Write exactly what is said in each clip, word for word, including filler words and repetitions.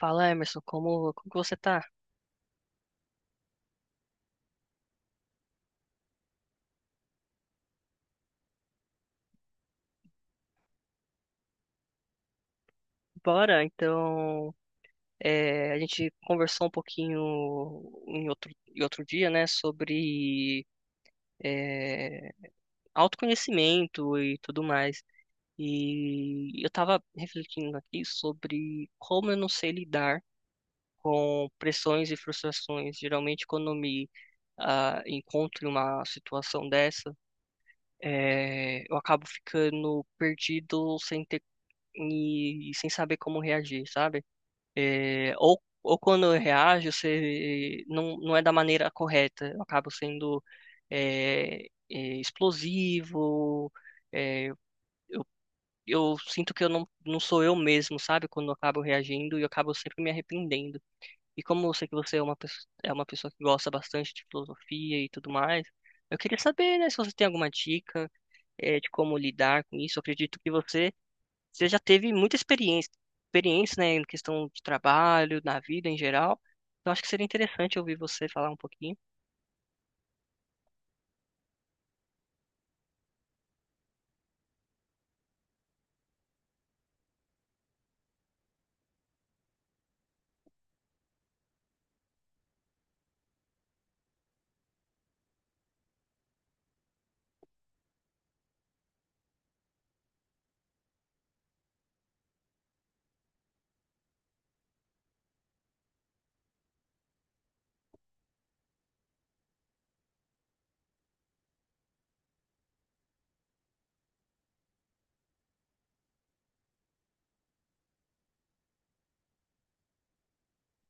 Fala, Emerson, como, como que você tá? Bora, então, é, a gente conversou um pouquinho em outro, em outro dia, né, sobre é, autoconhecimento e tudo mais. E eu tava refletindo aqui sobre como eu não sei lidar com pressões e frustrações. Geralmente, quando eu me ah, encontro em uma situação dessa, é, eu acabo ficando perdido sem ter, e sem saber como reagir, sabe? É, ou, ou quando eu reajo, você não, não é da maneira correta. Eu acabo sendo é, é, explosivo. é, eu sinto que eu não, não sou eu mesmo, sabe? Quando eu acabo reagindo e eu acabo sempre me arrependendo. E como eu sei que você é uma, pesso- é uma pessoa que gosta bastante de filosofia e tudo mais, eu queria saber, né, se você tem alguma dica, é, de como lidar com isso. Eu acredito que você você já teve muita experiência, experiência, né, em questão de trabalho, na vida em geral. Então acho que seria interessante ouvir você falar um pouquinho.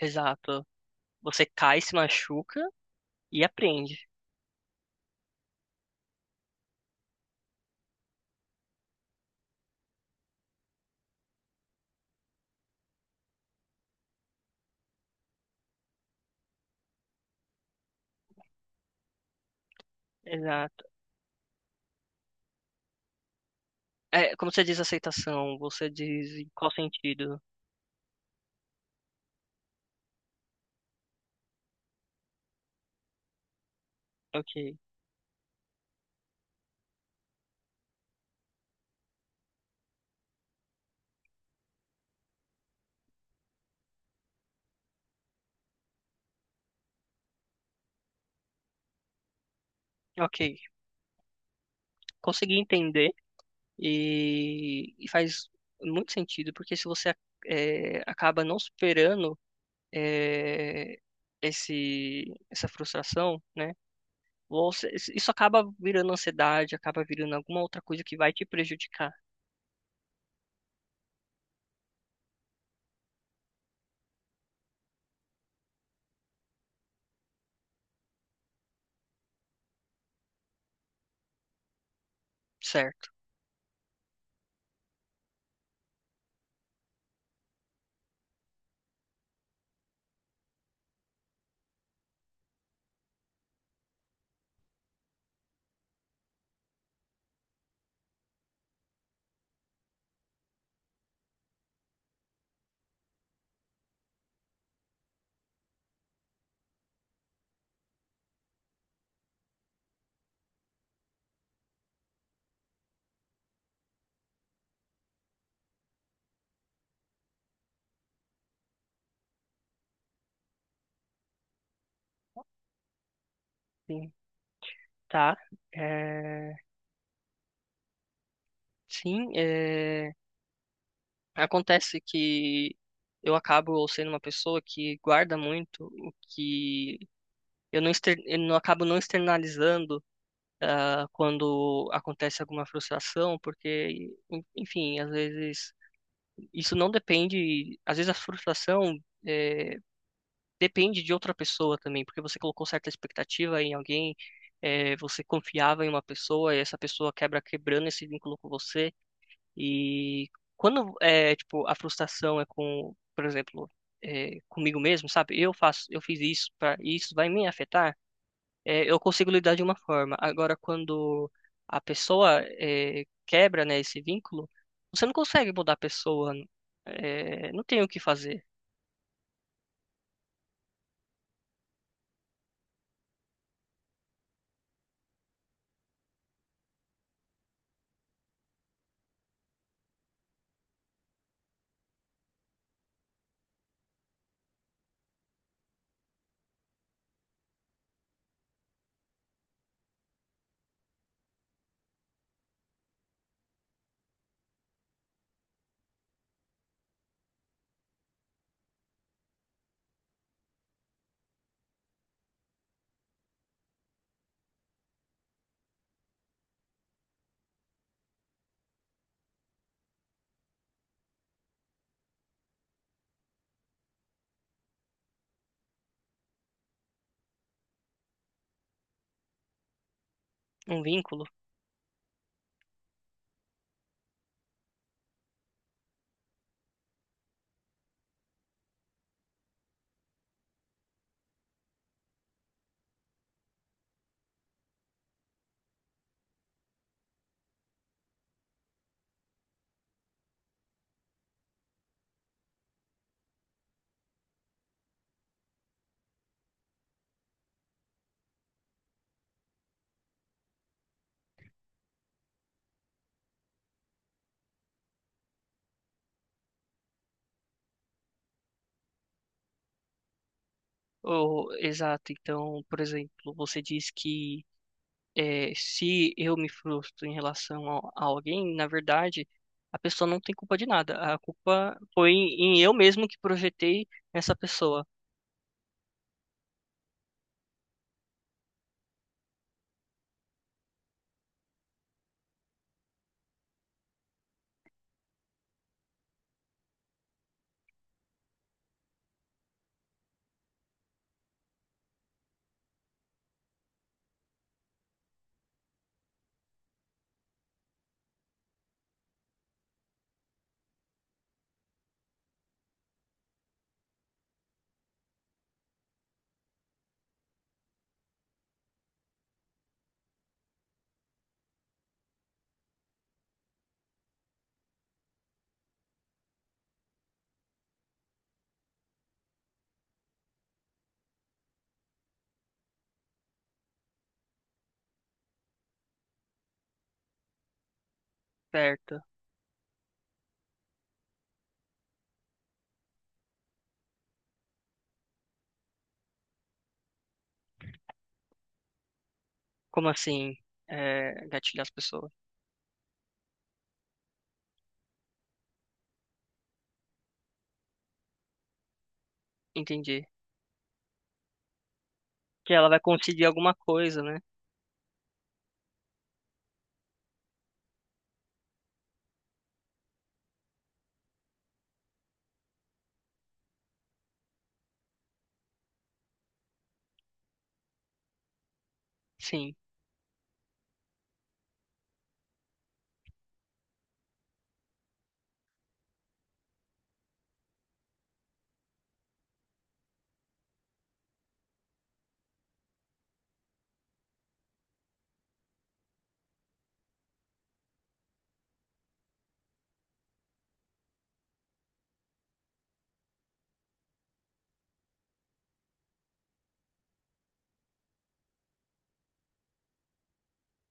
Exato. Você cai, se machuca e aprende. Exato. É, como você diz aceitação, você diz em qual sentido? Ok. Ok. Consegui entender e, e faz muito sentido, porque se você é, acaba não superando é, esse, essa frustração, né? Você, isso acaba virando ansiedade, acaba virando alguma outra coisa que vai te prejudicar, certo? Sim, tá? É, sim, é, acontece que eu acabo sendo uma pessoa que guarda muito o que eu não, exter, eu não acabo não externalizando ah, quando acontece alguma frustração, porque, en- enfim, às vezes isso não depende, às vezes a frustração é, depende de outra pessoa também, porque você colocou certa expectativa em alguém, é, você confiava em uma pessoa e essa pessoa quebra quebrando esse vínculo com você. E quando é tipo a frustração é com, por exemplo, é, comigo mesmo, sabe? Eu faço, eu fiz isso para isso vai me afetar. É, eu consigo lidar de uma forma. Agora, quando a pessoa é, quebra, né, esse vínculo, você não consegue mudar a pessoa. É, não tem o que fazer. Um vínculo. Oh, exato. Então, por exemplo, você diz que eh, se eu me frustro em relação ao- a, alguém, na verdade, a pessoa não tem culpa de nada. A culpa foi em, eu mesmo que projetei essa pessoa, certo? Como assim, eh, gatilhar as pessoas? Entendi. Que ela vai conseguir alguma coisa, né? Sim,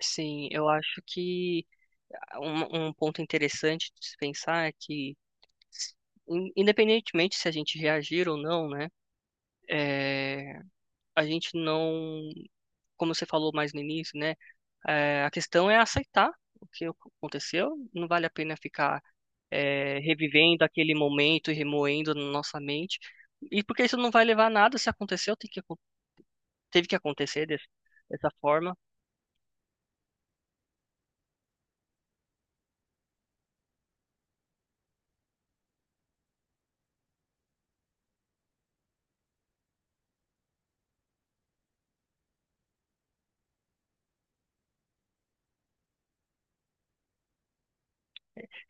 sim. Eu acho que um, um ponto interessante de se pensar é que, in- independentemente se a gente reagir ou não, né? eh, a gente não, como você falou mais no início, né? É, a questão é aceitar o que aconteceu. Não vale a pena ficar é, revivendo aquele momento e remoendo na nossa mente. E porque isso não vai levar a nada se aconteceu, tem que, acon- teve que acontecer desse- dessa forma.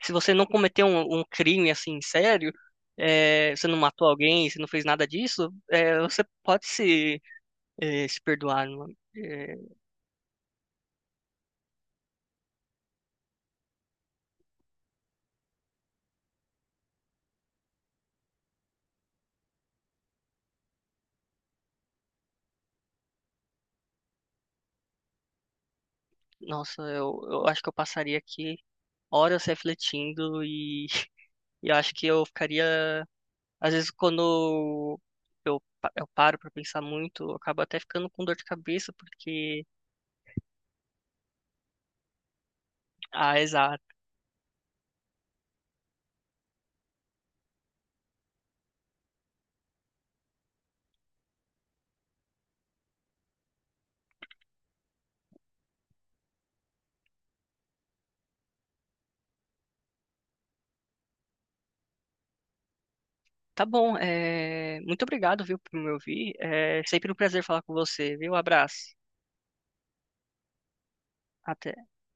Se você não cometeu um, um crime assim sério, é, você não matou alguém, você não fez nada disso, é, você pode se, é, se perdoar. Não é? É, nossa, eu, eu acho que eu passaria aqui horas refletindo e, e eu acho que eu ficaria, às vezes quando eu, pa- eu paro para pensar muito, eu acabo até ficando com dor de cabeça porque, ah, exato. Tá bom, é, muito obrigado, viu, por me ouvir. É sempre um prazer falar com você, viu? Abraço. Até.